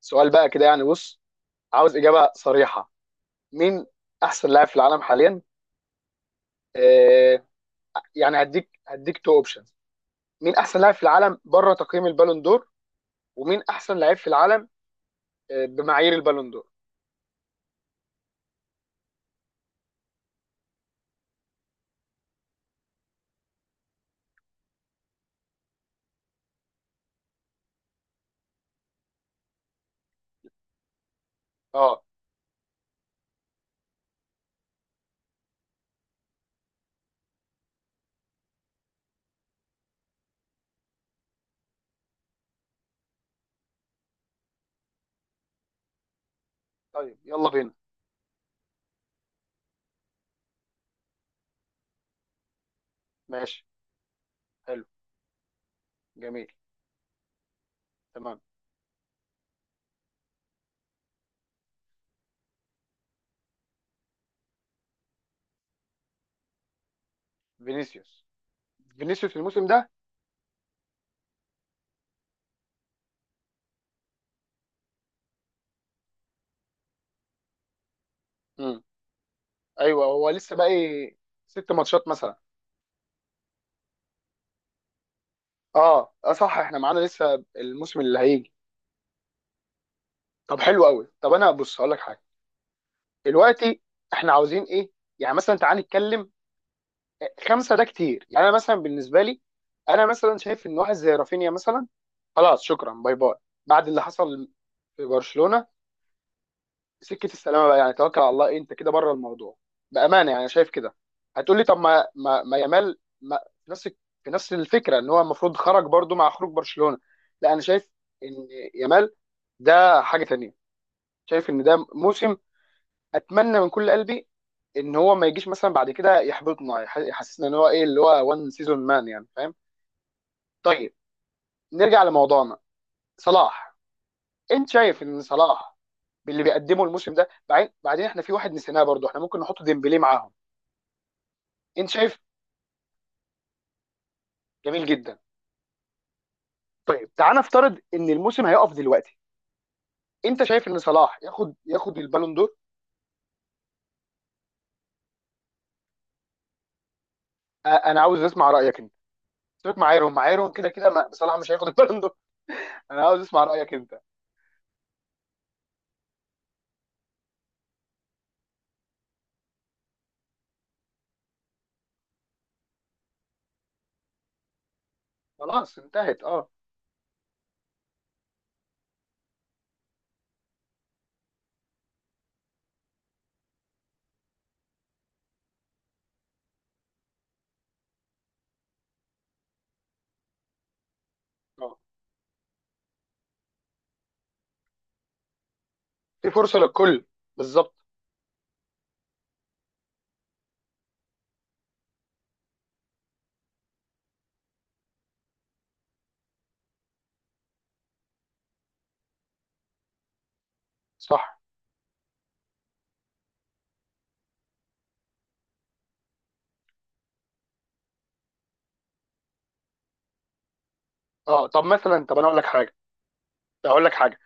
سؤال بقى كده يعني بص. عاوز اجابه صريحه. مين احسن لاعب في العالم حاليا؟ آه. يعني هديك تو اوبشنز. مين احسن لاعب في العالم بره تقييم البالون دور؟ ومين احسن لاعب في العالم بمعايير البالون دور؟ اه، طيب يلا بينا. ماشي، حلو، جميل، تمام. فينيسيوس. فينيسيوس الموسم ده. امم ايوه، هو لسه باقي ست ماتشات مثلا. اه، اه، صح، احنا معانا لسه الموسم اللي هيجي. طب حلو قوي. طب انا بص هقول لك حاجه. دلوقتي احنا عاوزين ايه؟ يعني مثلا تعال نتكلم. خمسه ده كتير. يعني انا مثلا بالنسبه لي، انا مثلا شايف ان واحد زي رافينيا مثلا خلاص، شكرا، باي باي، بعد اللي حصل في برشلونه. سكه السلامه بقى، يعني توكل على الله، إيه انت كده بره الموضوع؟ بامانه يعني أنا شايف كده. هتقول لي طب ما يامال ما في نفس في نفس الفكره ان هو المفروض خرج برضو مع خروج برشلونه. لا، انا شايف ان يامال ده حاجه تانيه. شايف ان ده موسم اتمنى من كل قلبي ان هو ما يجيش مثلا بعد كده يحبطنا يحسسنا ان هو ايه اللي هو وان سيزون مان، يعني فاهم. طيب نرجع لموضوعنا. صلاح. انت شايف ان صلاح باللي بيقدمه الموسم ده؟ بعدين احنا في واحد نسيناه برضو، احنا ممكن نحط ديمبلي معاهم. انت شايف؟ جميل جدا. طيب تعال نفترض ان الموسم هيقف دلوقتي. انت شايف ان صلاح ياخد البالون دور؟ انا عاوز اسمع رايك انت. سيبك، معايرهم معايرهم كده كده صلاح مش هياخد البالون دور. انا عاوز اسمع رايك انت. خلاص انتهت، اه. اه. في فرصه للكل، بالظبط. صح. اه، طب مثلا، طب انا اقول لك حاجه. اقول لك حاجه.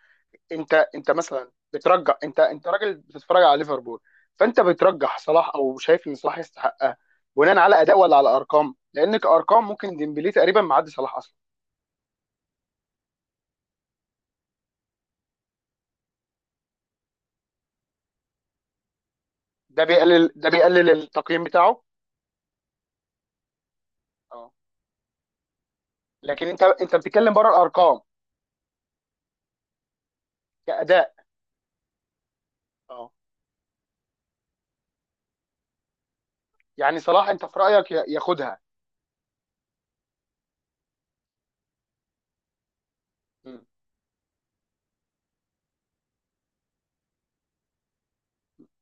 انت مثلا بترجح، انت راجل بتتفرج على ليفربول. فانت بترجح صلاح او شايف ان صلاح يستحقها بناء على اداء ولا على ارقام؟ لان كارقام ممكن ديمبلي تقريبا معدي صلاح اصلا. ده بيقلل التقييم بتاعه. اه. لكن انت بتتكلم بره الارقام. كاداء. اه. يعني صلاح انت في رايك ياخدها؟ مم.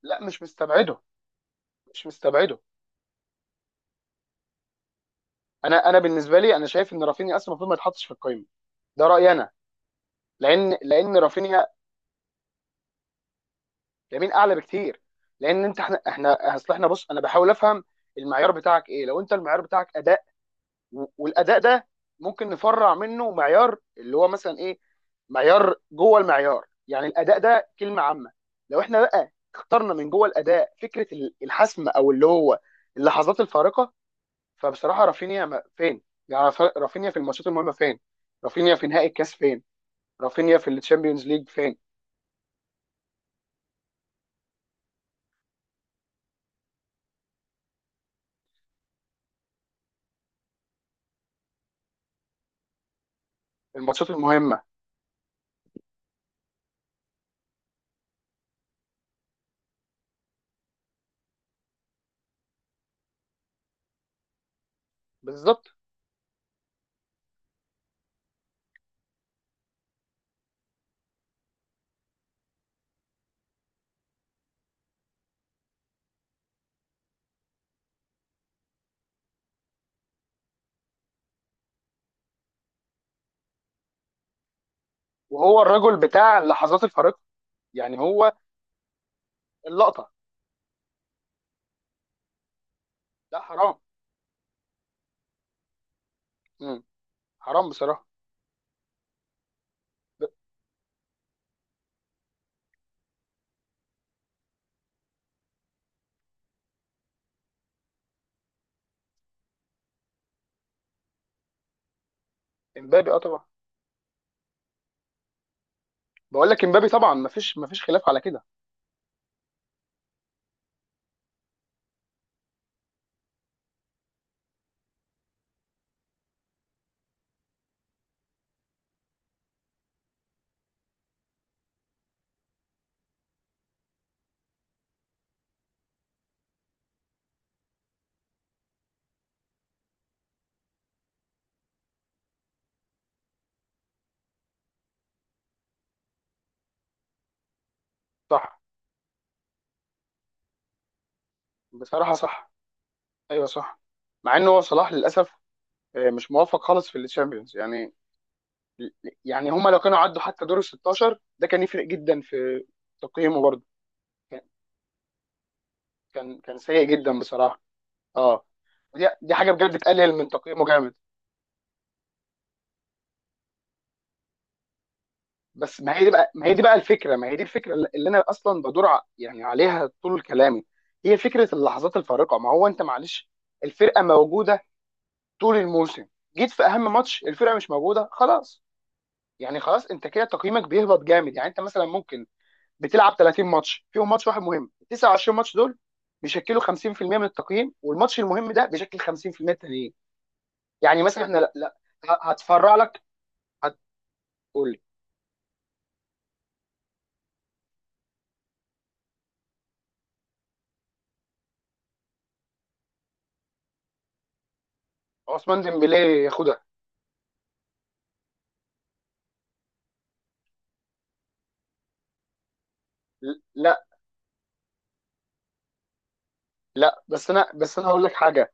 لا، مش مستبعده، مش مستبعده. انا بالنسبه لي، انا شايف ان رافينيا اصلا المفروض ما يتحطش في القائمه. ده رايي انا. لان رافينيا، لامين اعلى بكتير. لان انت، احنا اصل، احنا بص، انا بحاول افهم المعيار بتاعك ايه. لو انت المعيار بتاعك اداء، والاداء ده ممكن نفرع منه معيار اللي هو مثلا ايه. معيار جوه المعيار، يعني الاداء ده كلمه عامه. لو احنا بقى اخترنا من جوه الاداء فكره الحسم او اللي هو اللحظات الفارقه، فبصراحه رافينيا فين؟ يعني رافينيا في الماتشات المهمه فين؟ رافينيا في نهائي الكاس فين؟ رافينيا في الشامبيونز ليج فين؟ الماتشات المهمه، بالظبط. وهو الرجل بتاع اللحظات الفارقه، يعني هو اللقطه. لا، حرام. مم. حرام بصراحه. ب- امبابي، اه، طبعا. بقول لك امبابي طبعا، مفيش خلاف على كده. صح بصراحه، صح، ايوه، صح. مع ان هو صلاح للاسف مش موفق خالص في الشامبيونز، يعني. يعني هما لو كانوا عدوا حتى دور ال 16 ده كان يفرق جدا في تقييمه برضه. كان كان سيء جدا بصراحه. اه. دي حاجه بجد تقلل من تقييمه جامد. بس ما هي دي بقى ما هي دي بقى الفكره، ما هي دي الفكره اللي انا اصلا بدور يعني عليها طول كلامي. هي فكره اللحظات الفارقه. ما هو انت معلش، الفرقه موجوده طول الموسم، جيت في اهم ماتش الفرقه مش موجوده، خلاص. يعني خلاص انت كده تقييمك بيهبط جامد. يعني انت مثلا ممكن بتلعب 30 ماتش، فيهم ماتش واحد مهم، 29 ماتش دول بيشكلوا 50% من التقييم، والماتش المهم ده بيشكل 50% التانيين. يعني مثلا احنا، لا، لا، هتفرع لك، هتقول لي عثمان ديمبلي ياخدها. لا، لا، بس انا هقول لك حاجه.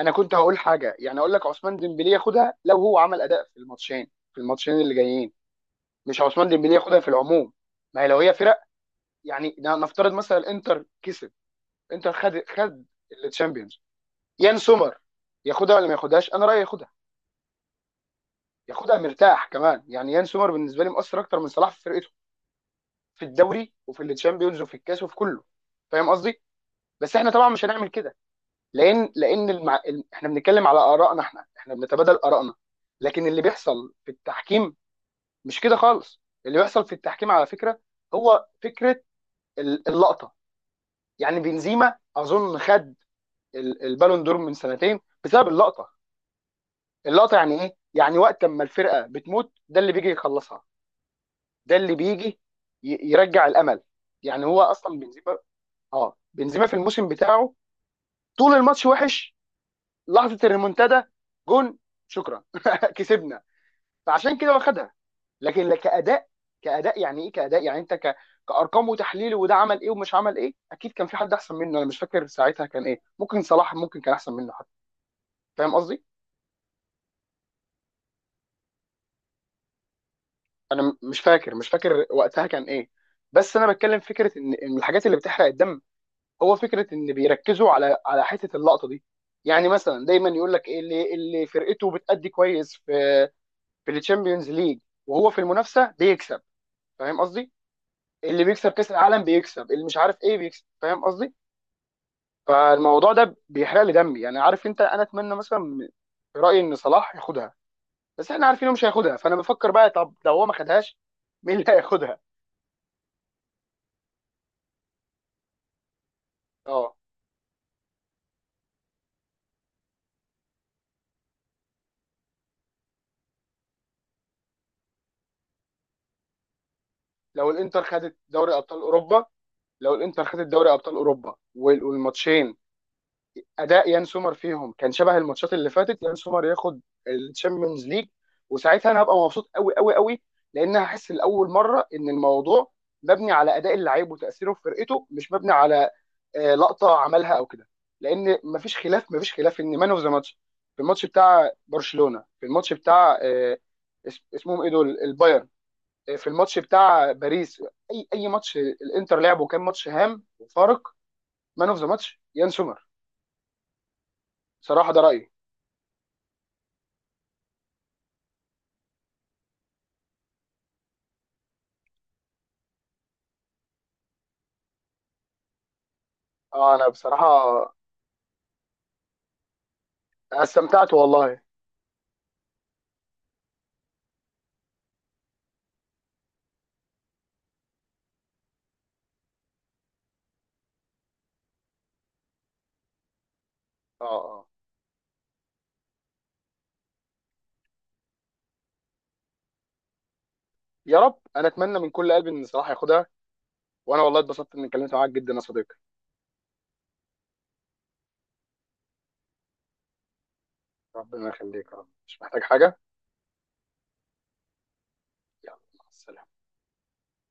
انا كنت هقول حاجه، يعني اقول لك عثمان ديمبلي ياخدها لو هو عمل اداء في الماتشين اللي جايين. مش عثمان ديمبلي ياخدها في العموم. ما هي لو هي فرق. يعني نفترض مثلا الانتر كسب. انتر خد التشامبيونز، يان سومر ياخدها ولا ما ياخدهاش؟ انا رايي ياخدها. ياخدها مرتاح كمان. يعني يان سومر بالنسبه لي مؤثر اكتر من صلاح في فرقته، في الدوري وفي التشامبيونز وفي الكاس وفي كله. فاهم قصدي. بس احنا طبعا مش هنعمل كده، لان احنا بنتكلم على ارائنا، احنا بنتبادل ارائنا. لكن اللي بيحصل في التحكيم مش كده خالص. اللي بيحصل في التحكيم على فكره هو فكره اللقطه. يعني بنزيما اظن خد البالون دور من سنتين بسبب اللقطه. اللقطه يعني ايه؟ يعني وقت ما الفرقه بتموت، ده اللي بيجي يخلصها، ده اللي بيجي يرجع الامل. يعني هو اصلا بنزيما، اه، بنزيما في الموسم بتاعه طول الماتش وحش، لحظه الريمونتادا، جون، شكرا، كسبنا. فعشان كده واخدها. لكن لا كاداء. كاداء يعني ايه؟ كاداء يعني انت كارقام وتحليل وده عمل ايه ومش عمل ايه. اكيد كان في حد احسن منه، انا مش فاكر ساعتها كان ايه، ممكن صلاح ممكن كان احسن منه حتى. فاهم قصدي. انا مش فاكر، مش فاكر وقتها كان ايه. بس انا بتكلم فكره ان الحاجات اللي بتحرق الدم هو فكره ان بيركزوا على حته اللقطه دي. يعني مثلا دايما يقول لك ايه، اللي فرقته بتأدي كويس في في الشامبيونز ليج وهو في المنافسه بيكسب، فاهم قصدي؟ اللي بيكسب كاس العالم بيكسب، اللي مش عارف ايه بيكسب، فاهم قصدي. فالموضوع ده بيحرق لي دمي، يعني عارف انت، انا اتمنى مثلا في رايي ان صلاح ياخدها. بس احنا عارفين انه مش هياخدها، فانا بفكر بقى طب لو هو ما خدهاش، مين اللي هياخدها. اه. لو الانتر خدت دوري ابطال اوروبا، لو الانتر خدت دوري ابطال اوروبا والماتشين اداء يان سومر فيهم كان شبه الماتشات اللي فاتت، يان سومر ياخد الشامبيونز ليج. وساعتها انا هبقى مبسوط قوي قوي قوي، لان هحس لاول مره ان الموضوع مبني على اداء اللعيب وتاثيره في فرقته، مش مبني على لقطه عملها او كده. لان مفيش خلاف، مفيش خلاف ان مان اوف ذا ماتش في الماتش بتاع برشلونه، في الماتش بتاع اسمهم ايه دول؟ البايرن. في الماتش بتاع باريس، اي ماتش الانتر لعبه كان ماتش هام وفارق، مان اوف ذا ماتش يان سومر. صراحه ده رايي. اه، انا بصراحه أنا استمتعت والله. اه، اه. يا رب، انا اتمنى من كل قلبي ان صلاح ياخدها. وانا والله اتبسطت اني اتكلمت معاك جدا يا صديقي. ربنا يخليك، يا رب مش محتاج حاجه. يلا مع السلامه.